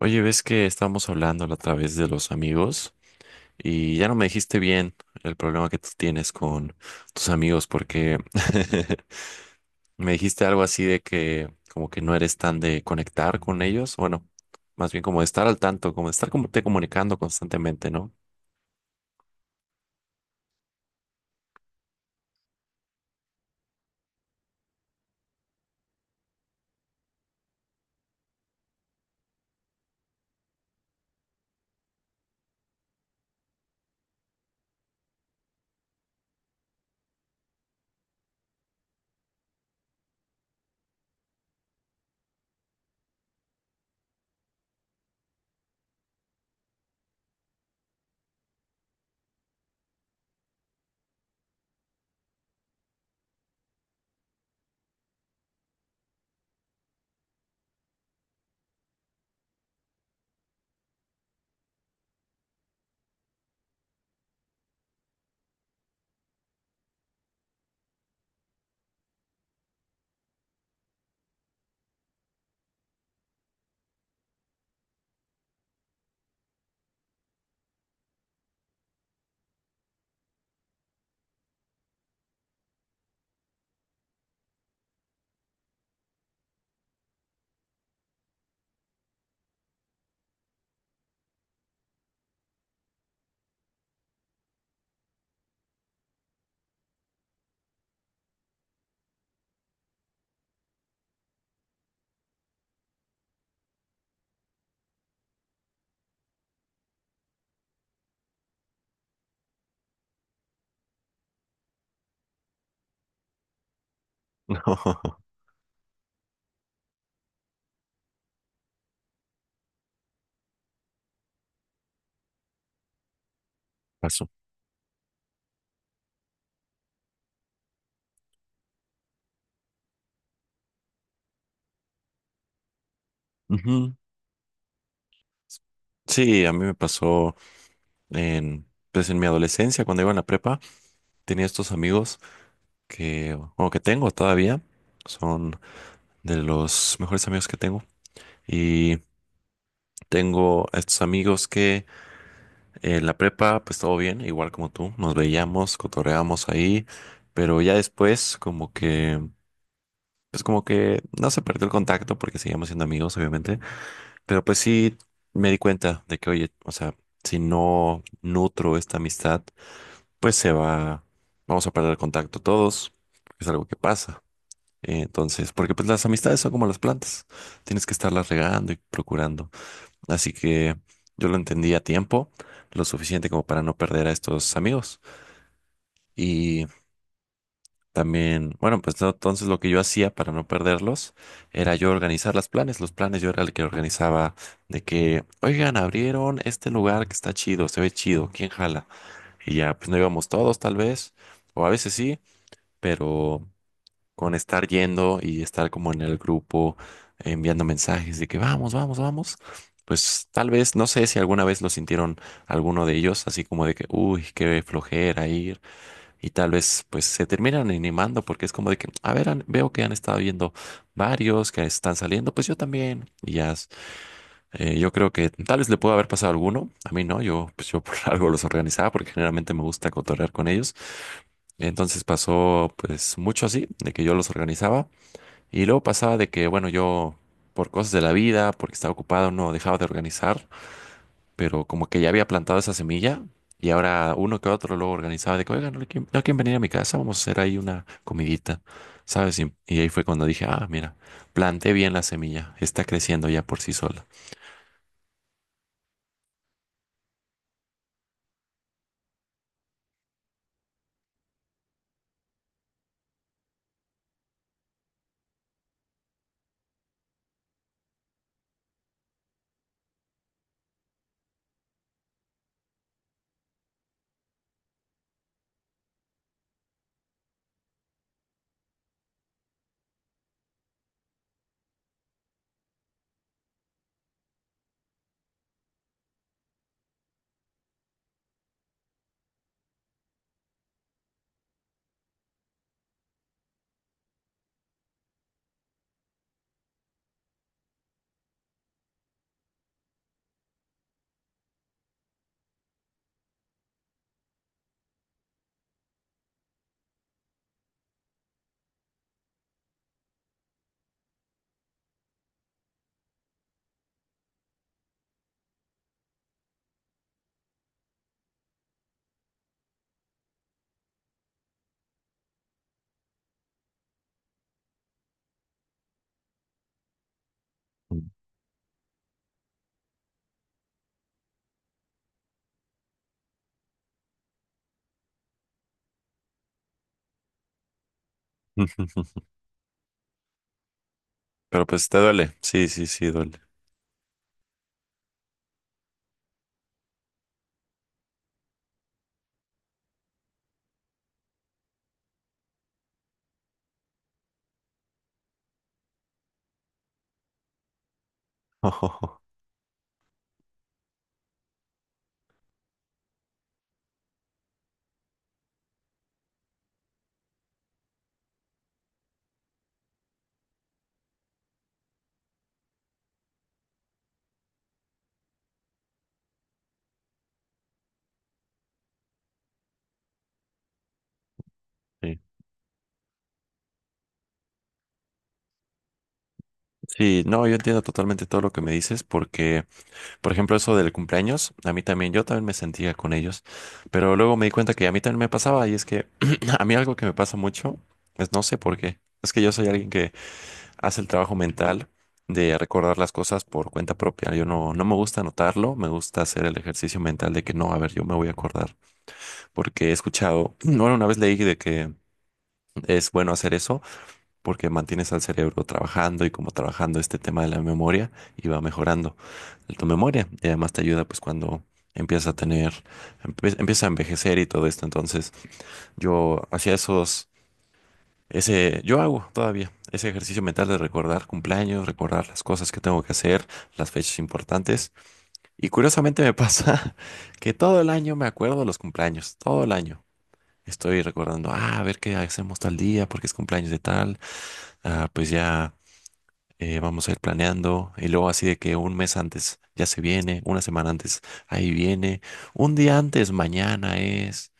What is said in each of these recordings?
Oye, ves que estábamos hablando la otra vez de los amigos y ya no me dijiste bien el problema que tú tienes con tus amigos porque me dijiste algo así de que como que no eres tan de conectar con ellos, bueno, más bien como de estar al tanto, como de estar como te comunicando constantemente, ¿no? No, pasó. Ujú. Sí, a mí me pasó en, pues en mi adolescencia, cuando iba en la prepa, tenía estos amigos que, o que tengo todavía, son de los mejores amigos que tengo. Y tengo a estos amigos que en la prepa, pues todo bien, igual como tú, nos veíamos, cotorreábamos ahí, pero ya después como que, pues como que no se perdió el contacto porque seguíamos siendo amigos, obviamente, pero pues sí me di cuenta de que, oye, o sea, si no nutro esta amistad, pues se va, vamos a perder el contacto todos, es algo que pasa. Entonces, porque pues las amistades son como las plantas, tienes que estarlas regando y procurando. Así que yo lo entendí a tiempo, lo suficiente como para no perder a estos amigos. Y también, bueno, pues no, entonces lo que yo hacía para no perderlos era yo organizar los planes. Los planes yo era el que organizaba de que, oigan, abrieron este lugar que está chido, se ve chido, ¿quién jala? Y ya, pues no íbamos todos tal vez, o a veces sí, pero con estar yendo y estar como en el grupo enviando mensajes de que vamos, vamos, vamos, pues tal vez, no sé si alguna vez lo sintieron alguno de ellos, así como de que, uy, qué flojera ir, y tal vez pues se terminan animando porque es como de que, a ver, veo que han estado viendo varios que están saliendo, pues yo también, y ya, yo creo que tal vez le pudo haber pasado a alguno, a mí no, yo pues yo por algo los organizaba porque generalmente me gusta cotorrear con ellos, entonces pasó pues mucho así, de que yo los organizaba. Y luego pasaba de que, bueno, yo por cosas de la vida, porque estaba ocupado, no dejaba de organizar, pero como que ya había plantado esa semilla y ahora uno que otro luego organizaba de que, oigan, no hay quien venir a mi casa, vamos a hacer ahí una comidita, ¿sabes? Y ahí fue cuando dije, ah, mira, planté bien la semilla, está creciendo ya por sí sola. Mm. Pero pues te duele, sí, sí, sí, duele. Sí. Sí, no, yo entiendo totalmente todo lo que me dices porque por ejemplo, eso del cumpleaños, a mí también, yo también me sentía con ellos, pero luego me di cuenta que a mí también me pasaba y es que a mí algo que me pasa mucho es no sé por qué, es que yo soy alguien que hace el trabajo mental de recordar las cosas por cuenta propia, yo no, no me gusta anotarlo, me gusta hacer el ejercicio mental de que no, a ver, yo me voy a acordar, porque he escuchado, bueno, una vez leí de que es bueno hacer eso porque mantienes al cerebro trabajando y como trabajando este tema de la memoria y va mejorando de tu memoria y además te ayuda pues cuando empiezas a tener, empiezas a envejecer y todo esto. Entonces yo hacía esos, yo hago todavía ese ejercicio mental de recordar cumpleaños, recordar las cosas que tengo que hacer, las fechas importantes. Y curiosamente me pasa que todo el año me acuerdo de los cumpleaños, todo el año. Estoy recordando, ah, a ver qué hacemos tal día, porque es cumpleaños de tal, ah, pues ya. Vamos a ir planeando y luego así de que un mes antes ya se viene, una semana antes ahí viene, un día antes mañana es,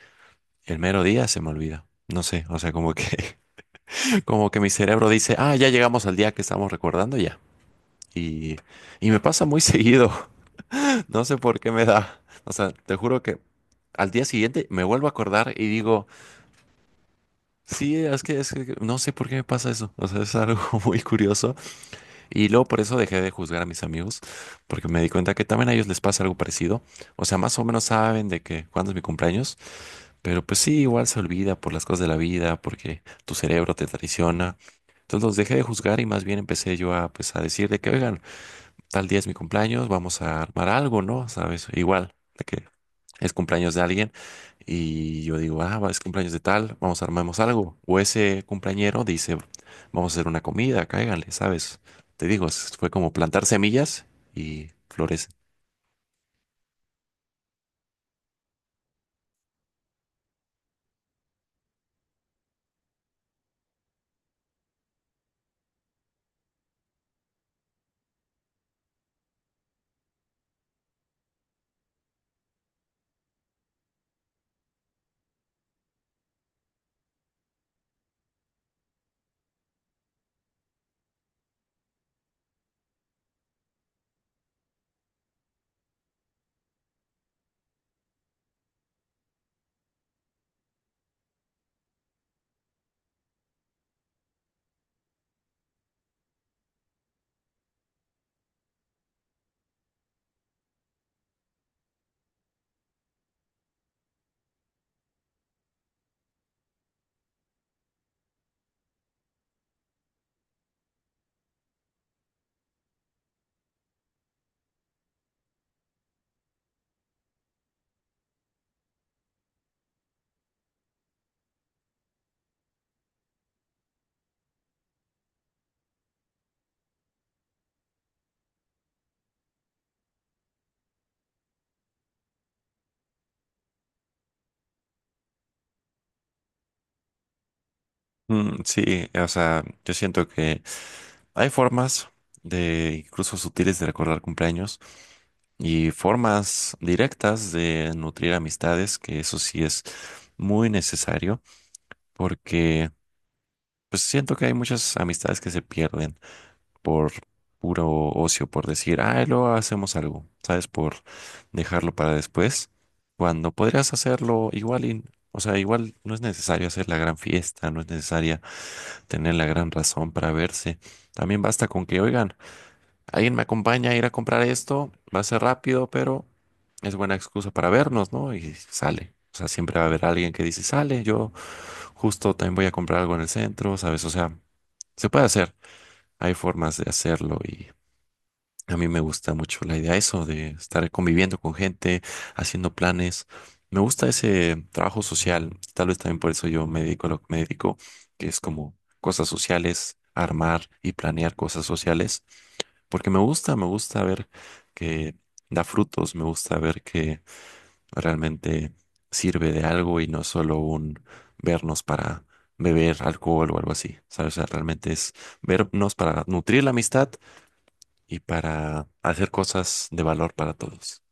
el mero día se me olvida. No sé, o sea, como que, como que mi cerebro dice, ah, ya llegamos al día que estamos recordando ya. Y, y me pasa muy seguido, no sé por qué me da. O sea, te juro que al día siguiente me vuelvo a acordar y digo, sí, es que no sé por qué me pasa eso. O sea, es algo muy curioso. Y luego por eso dejé de juzgar a mis amigos, porque me di cuenta que también a ellos les pasa algo parecido. O sea, más o menos saben de que cuándo es mi cumpleaños, pero pues sí, igual se olvida por las cosas de la vida, porque tu cerebro te traiciona. Entonces los dejé de juzgar y más bien empecé yo a, pues, a decir de que, oigan, tal día es mi cumpleaños, vamos a armar algo, ¿no? ¿Sabes? Igual de que es cumpleaños de alguien y yo digo, ah, va, es cumpleaños de tal, vamos, armemos algo. O ese cumpleañero dice, vamos a hacer una comida, cáiganle, ¿sabes? Te digo, fue como plantar semillas y florecen. Mm, sí, o sea, yo siento que hay formas de, incluso sutiles, de recordar cumpleaños y formas directas de nutrir amistades, que eso sí es muy necesario, porque pues siento que hay muchas amistades que se pierden por puro ocio, por decir, ah, luego hacemos algo, ¿sabes? Por dejarlo para después, cuando podrías hacerlo igual y, o sea, igual no es necesario hacer la gran fiesta, no es necesaria tener la gran razón para verse. También basta con que, oigan, alguien me acompaña a ir a comprar esto, va a ser rápido, pero es buena excusa para vernos, ¿no? Y sale. O sea, siempre va a haber alguien que dice, sale, yo justo también voy a comprar algo en el centro, ¿sabes? O sea, se puede hacer, hay formas de hacerlo y a mí me gusta mucho la idea de eso, de estar conviviendo con gente, haciendo planes. Me gusta ese trabajo social. Tal vez también por eso yo me dedico a lo que me dedico, que es como cosas sociales, armar y planear cosas sociales. Porque me gusta ver que da frutos, me gusta ver que realmente sirve de algo y no solo un vernos para beber alcohol o algo así. ¿Sabes? O sea, realmente es vernos para nutrir la amistad y para hacer cosas de valor para todos.